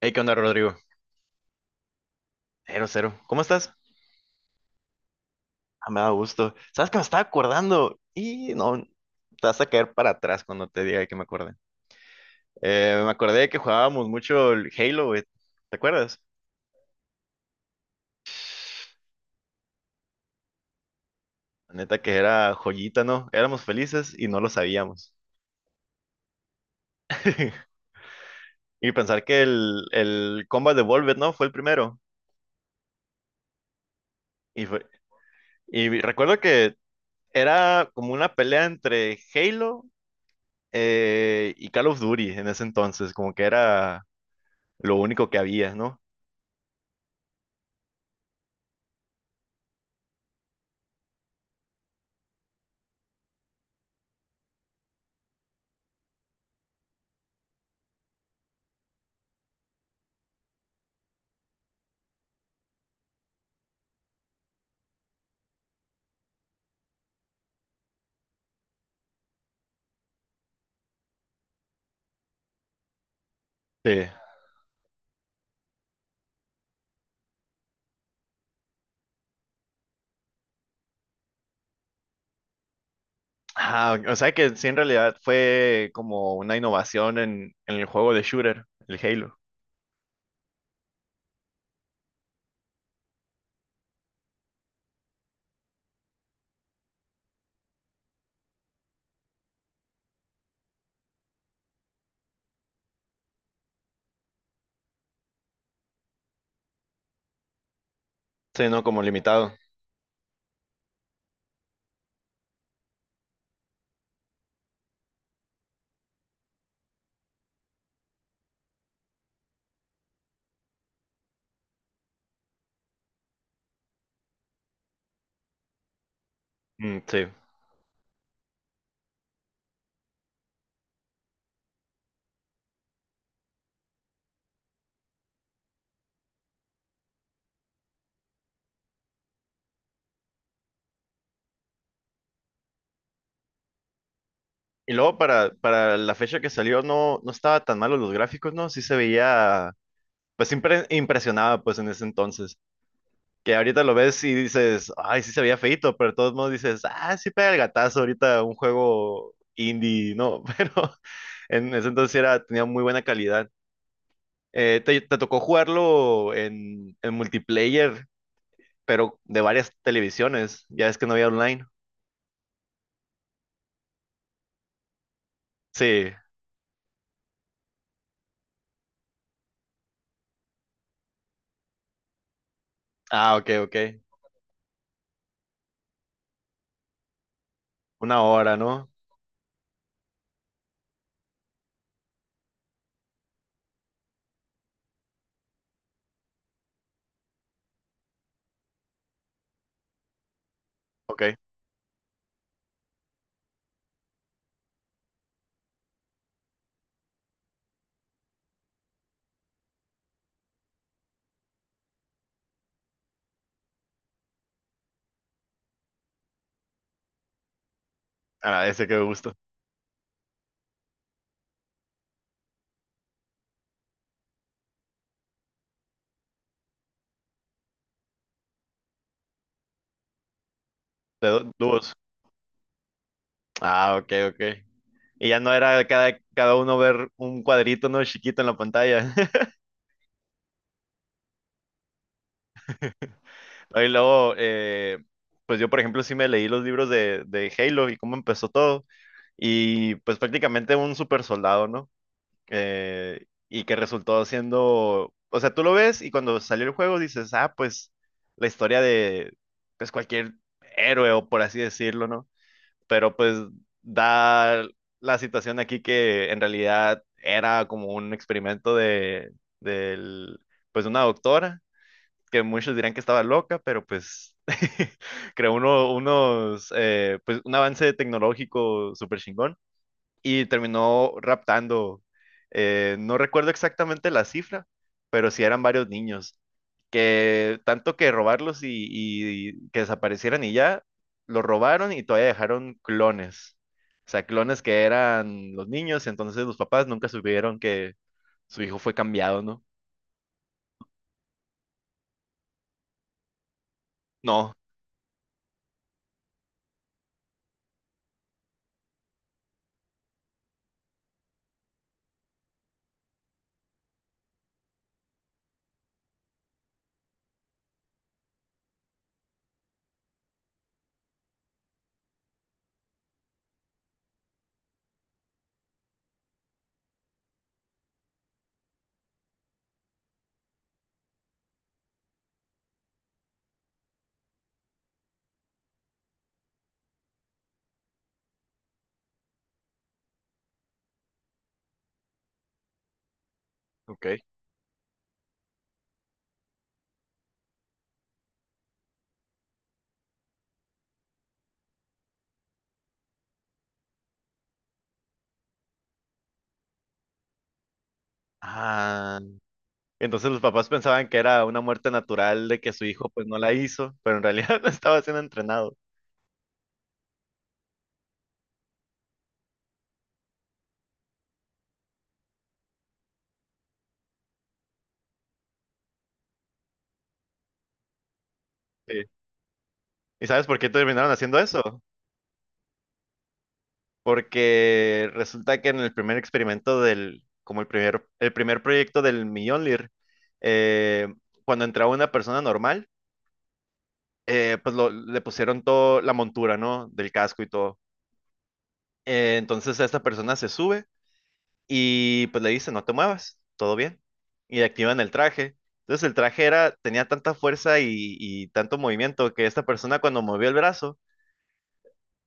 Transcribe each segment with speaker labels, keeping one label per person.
Speaker 1: Hey, ¿qué onda, Rodrigo? Cero, cero. ¿Cómo estás? Ah, me da gusto. ¿Sabes que me estaba acordando? Y no, te vas a caer para atrás cuando te diga que me acuerde. Me acordé de que jugábamos mucho el Halo, güey. ¿Te acuerdas? La neta que era joyita, ¿no? Éramos felices y no lo sabíamos. Y pensar que el Combat Evolved, ¿no? Fue el primero. Y, fue- y recuerdo que era como una pelea entre Halo y Call of Duty en ese entonces, como que era lo único que había, ¿no? Sí. Ah, o sea que sí, en realidad fue como una innovación en el juego de shooter, el Halo. Sí, no como limitado. Mm, sí. Y luego para la fecha que salió no estaba tan malo los gráficos, ¿no? Sí se veía, pues siempre impresionaba pues en ese entonces. Que ahorita lo ves y dices, ay, sí se veía feito, pero de todos modos dices, ah, sí pega el gatazo ahorita un juego indie, ¿no? Pero en ese entonces era, tenía muy buena calidad. ¿Te tocó jugarlo en multiplayer? Pero de varias televisiones. Ya es que no había online. Sí. Ah, ok, ok. Una hora, ¿no? Ok. Ah, ese que me gusta. Dúos. Ah, ok, ok. Y ya no era cada uno ver un cuadrito, ¿no? Chiquito en la pantalla. Y luego, pues yo, por ejemplo, sí me leí los libros de Halo y cómo empezó todo. Y pues prácticamente un super soldado, ¿no? Y que resultó siendo, o sea, tú lo ves y cuando salió el juego dices, ah, pues la historia de, pues cualquier héroe o por así decirlo, ¿no? Pero pues da la situación aquí que en realidad era como un experimento del pues una doctora, que muchos dirán que estaba loca, pero pues creó pues un avance tecnológico súper chingón y terminó raptando, no recuerdo exactamente la cifra, pero sí eran varios niños, que tanto que robarlos y que desaparecieran y ya, los robaron y todavía dejaron clones. O sea, clones que eran los niños, entonces los papás nunca supieron que su hijo fue cambiado, ¿no? No, ok. Ah, entonces los papás pensaban que era una muerte natural de que su hijo pues no la hizo, pero en realidad no estaba siendo entrenado. Sí. ¿Y sabes por qué terminaron haciendo eso? Porque resulta que en el primer experimento como el primer proyecto del Mjolnir, eh, cuando entraba una persona normal, pues le pusieron todo la montura, ¿no? Del casco y todo. Entonces esta persona se sube y pues le dice, no te muevas, todo bien. Y activan el traje. Entonces el traje era, tenía tanta fuerza y tanto movimiento que esta persona cuando movió el brazo,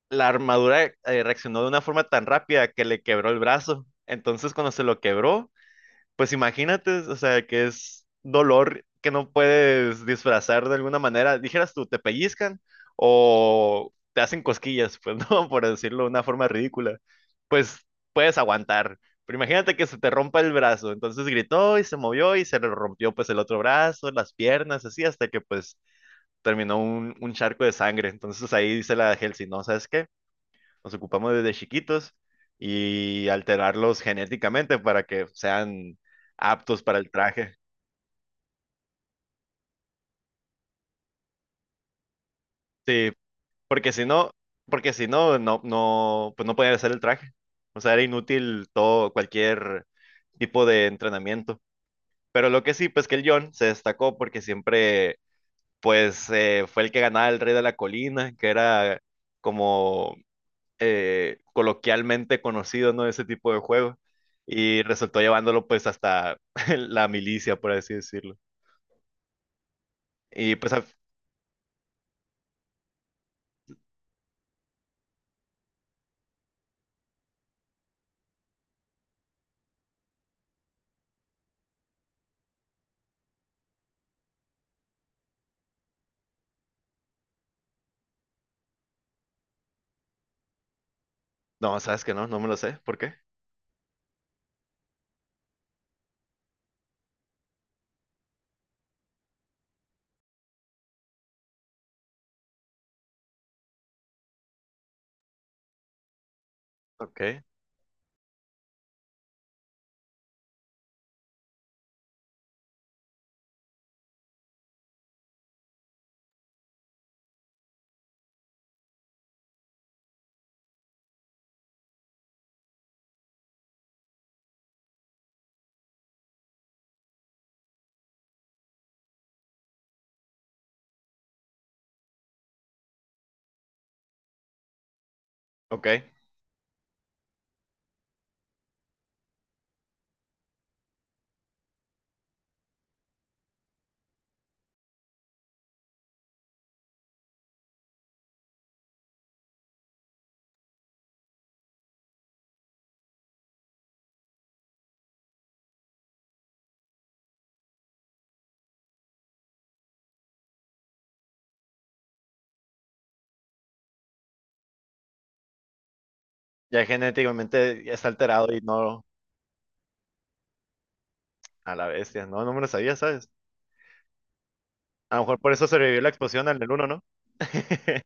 Speaker 1: la armadura reaccionó de una forma tan rápida que le quebró el brazo. Entonces cuando se lo quebró, pues imagínate, o sea, que es dolor que no puedes disfrazar de alguna manera. Dijeras tú, te pellizcan o te hacen cosquillas, pues no, por decirlo de una forma ridícula. Pues puedes aguantar. Pero imagínate que se te rompa el brazo. Entonces gritó y se movió y se le rompió pues el otro brazo, las piernas, así, hasta que pues terminó un charco de sangre. Entonces ahí dice la Helsi, no, ¿sabes qué? Los ocupamos desde chiquitos y alterarlos genéticamente para que sean aptos para el traje. Sí, porque si no, porque si no, no, no, pues no podían hacer el traje. O sea, era inútil todo, cualquier tipo de entrenamiento. Pero lo que sí, pues que el John se destacó porque siempre, pues, fue el que ganaba el Rey de la Colina, que era como coloquialmente conocido, ¿no? Ese tipo de juego. Y resultó llevándolo pues hasta la milicia, por así decirlo. Y pues, no, sabes que no, no me lo sé. ¿Por qué? Ok, ok. Ya genéticamente ya está alterado y no a la bestia. No, no me lo sabía, ¿sabes? A lo mejor por eso sobrevivió la explosión al del uno, ¿no?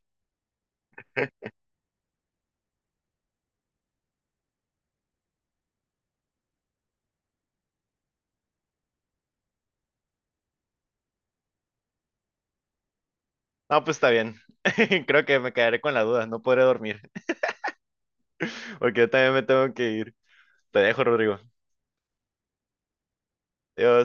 Speaker 1: No, pues está bien. Creo que me quedaré con la duda. No podré dormir porque yo también me tengo que ir. Te dejo, Rodrigo. Adiós.